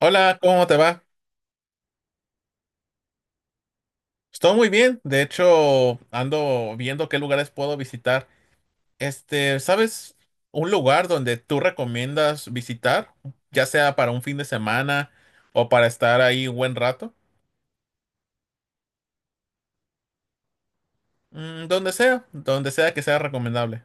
Hola, ¿cómo te va? Estoy muy bien. De hecho, ando viendo qué lugares puedo visitar. ¿Sabes un lugar donde tú recomiendas visitar? Ya sea para un fin de semana o para estar ahí un buen rato. Mm, donde sea que sea recomendable.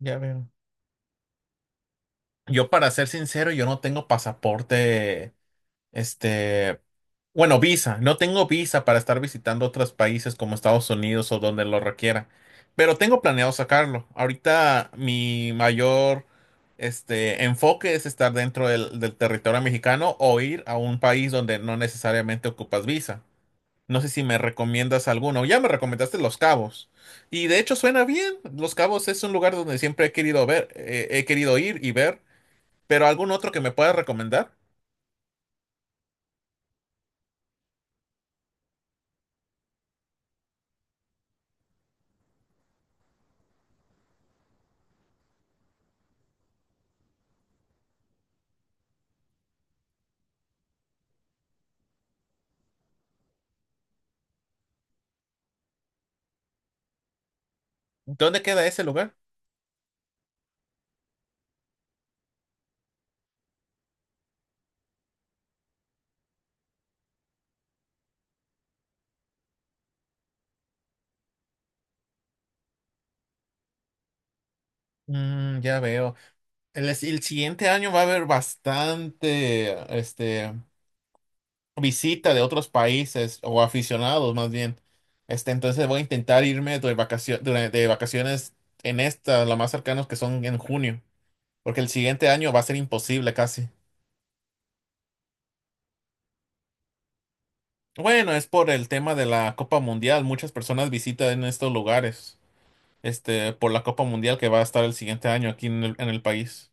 Ya veo. Yo, para ser sincero, yo no tengo pasaporte, este, bueno, visa. No tengo visa para estar visitando otros países como Estados Unidos o donde lo requiera. Pero tengo planeado sacarlo. Ahorita mi mayor enfoque es estar dentro del territorio mexicano o ir a un país donde no necesariamente ocupas visa. No sé si me recomiendas alguno. Ya me recomendaste Los Cabos. Y de hecho suena bien. Los Cabos es un lugar donde siempre he querido ver, he querido ir y ver. Pero algún otro que me puedas recomendar. ¿Dónde queda ese lugar? Mm, ya veo. El siguiente año va a haber bastante, visita de otros países o aficionados más bien. Este, entonces voy a intentar irme de vacaciones en esta, lo más cercanos que son en junio, porque el siguiente año va a ser imposible casi. Bueno, es por el tema de la Copa Mundial. Muchas personas visitan estos lugares, por la Copa Mundial que va a estar el siguiente año aquí en en el país.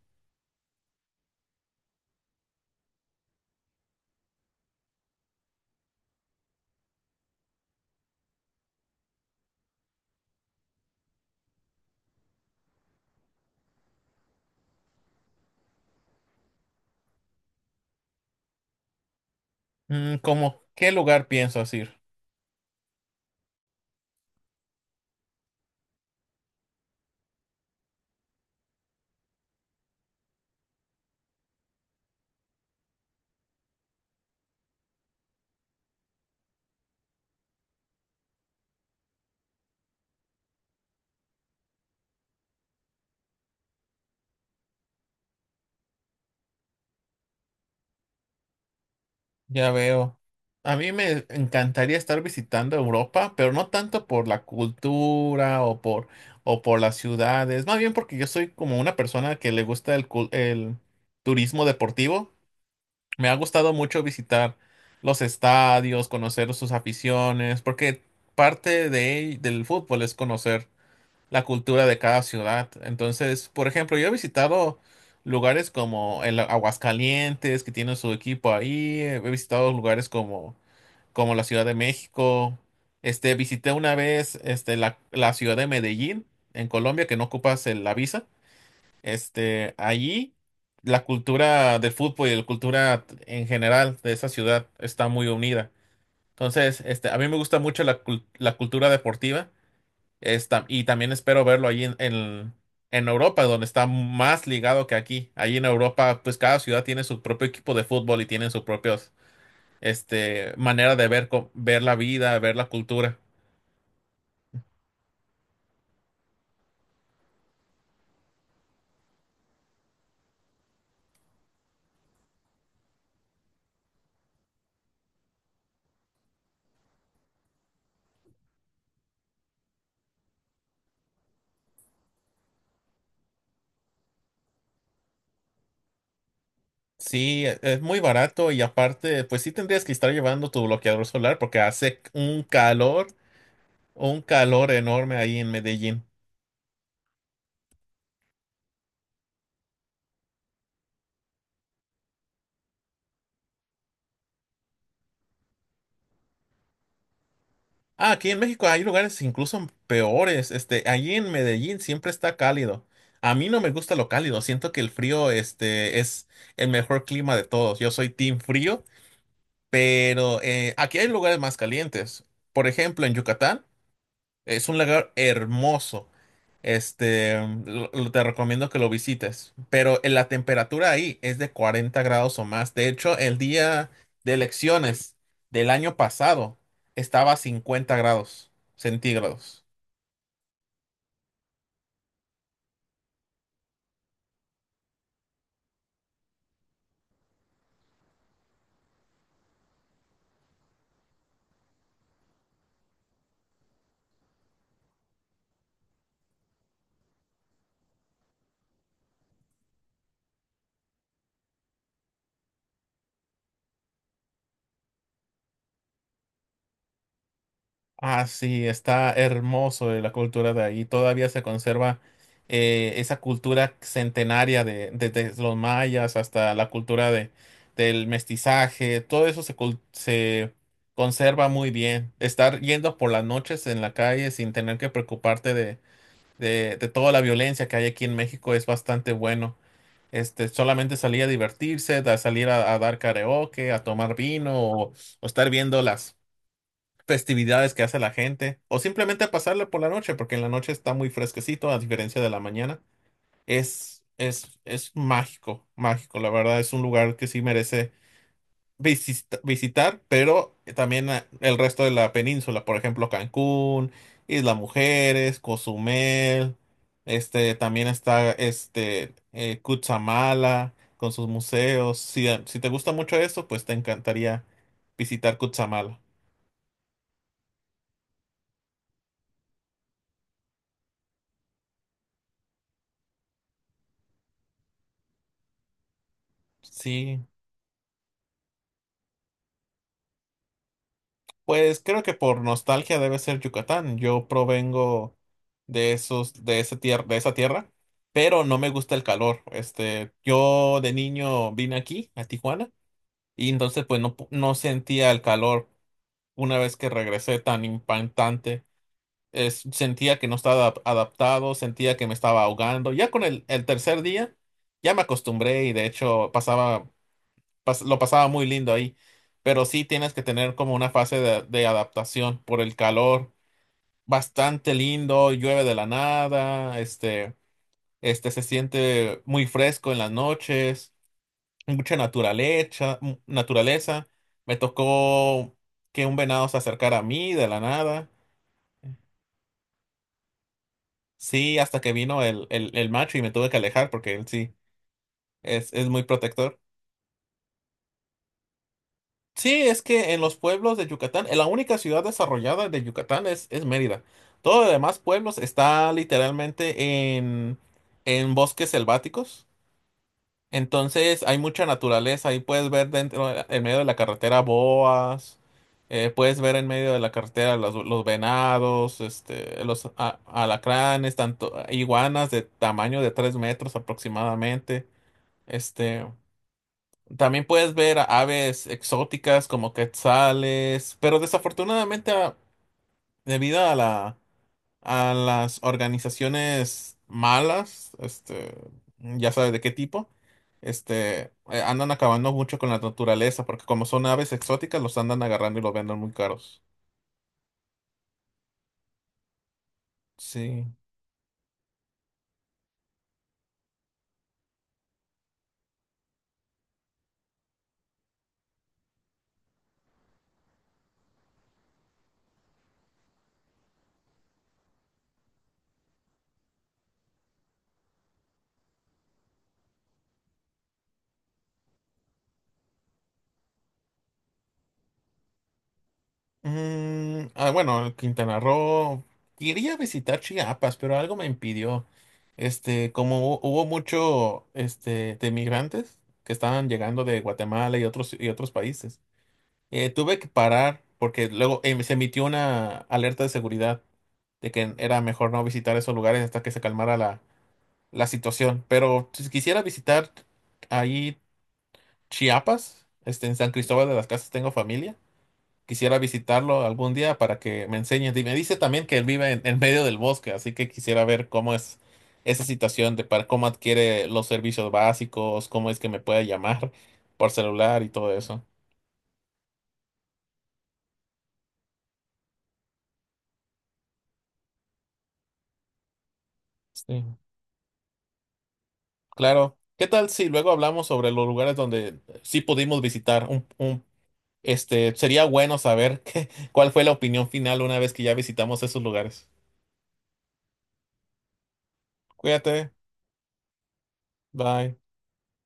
Mm, ¿cómo qué lugar piensas ir? Ya veo. A mí me encantaría estar visitando Europa, pero no tanto por la cultura o por las ciudades, más bien porque yo soy como una persona que le gusta el turismo deportivo. Me ha gustado mucho visitar los estadios, conocer sus aficiones, porque del fútbol es conocer la cultura de cada ciudad. Entonces, por ejemplo, yo he visitado lugares como el Aguascalientes, que tiene su equipo ahí, he visitado como la Ciudad de México, visité una vez la ciudad de Medellín, en Colombia, que no ocupas la visa. Allí la cultura del fútbol y la cultura en general de esa ciudad está muy unida. Entonces, a mí me gusta mucho la cultura deportiva. Y también espero verlo ahí en Europa, donde está más ligado que aquí. Ahí en Europa, pues cada ciudad tiene su propio equipo de fútbol y tienen sus propios, manera de ver, ver la vida, ver la cultura. Sí, es muy barato y aparte, pues sí tendrías que estar llevando tu bloqueador solar porque hace un calor enorme ahí en Medellín. Ah, aquí en México hay lugares incluso peores. Allí en Medellín siempre está cálido. A mí no me gusta lo cálido. Siento que el frío es el mejor clima de todos. Yo soy team frío, pero aquí hay lugares más calientes. Por ejemplo, en Yucatán. Es un lugar hermoso. Este, Te recomiendo que lo visites. Pero en la temperatura ahí es de 40 grados o más. De hecho, el día de elecciones del año pasado estaba a 50 grados centígrados. Ah, sí, está hermoso de la cultura de ahí. Todavía se conserva esa cultura centenaria de, desde los mayas hasta la cultura del mestizaje. Todo eso se conserva muy bien. Estar yendo por las noches en la calle sin tener que preocuparte de toda la violencia que hay aquí en México es bastante bueno. Solamente salir a divertirse, salir a dar karaoke, a tomar vino, o estar viendo las festividades que hace la gente, o simplemente pasarla por la noche, porque en la noche está muy fresquecito, a diferencia de la mañana. Es mágico, mágico, la verdad, es un lugar que sí merece visitar, pero también el resto de la península, por ejemplo, Cancún, Isla Mujeres, Cozumel, también está Cutzamala con sus museos. Si te gusta mucho eso, pues te encantaría visitar Cutzamala. Sí. Pues creo que por nostalgia debe ser Yucatán. Yo provengo de esa tierra, pero no me gusta el calor. Yo de niño vine aquí, a Tijuana, y entonces no sentía el calor una vez que regresé tan impactante. Sentía que no estaba adaptado, sentía que me estaba ahogando. Ya con el tercer día ya me acostumbré y de hecho lo pasaba muy lindo ahí. Pero sí tienes que tener como una fase de adaptación por el calor. Bastante lindo, llueve de la nada, se siente muy fresco en las noches, mucha naturaleza, naturaleza. Me tocó que un venado se acercara a mí de la nada. Sí, hasta que vino el macho y me tuve que alejar porque él sí es muy protector. Sí, es que en los pueblos de Yucatán, en la única ciudad desarrollada de Yucatán es Mérida. Todo los demás pueblos está literalmente en bosques selváticos. Entonces hay mucha naturaleza. Ahí puedes ver dentro, en medio de la carretera boas, puedes ver en medio de la carretera los venados, alacranes, tanto iguanas de tamaño de 3 metros aproximadamente. este. También puedes ver a aves exóticas como quetzales, pero desafortunadamente debido a a las organizaciones malas, ya sabes de qué tipo, andan acabando mucho con la naturaleza, porque como son aves exóticas, los andan agarrando y los venden muy caros. Sí. Mm, ah, bueno, Quintana Roo. Quería visitar Chiapas, pero algo me impidió. Hubo mucho, de migrantes que estaban llegando de Guatemala y otros países. Eh, tuve que parar porque luego se emitió una alerta de seguridad de que era mejor no visitar esos lugares hasta que se calmara la situación. Pero si quisiera visitar ahí Chiapas, en San Cristóbal de las Casas tengo familia. Quisiera visitarlo algún día para que me enseñe. Y me dice también que él vive en medio del bosque, así que quisiera ver cómo es esa situación de para cómo adquiere los servicios básicos, cómo es que me puede llamar por celular y todo eso. Sí, claro. ¿Qué tal si luego hablamos sobre los lugares donde sí pudimos visitar? Sería bueno saber cuál fue la opinión final una vez que ya visitamos esos lugares. Cuídate. Bye.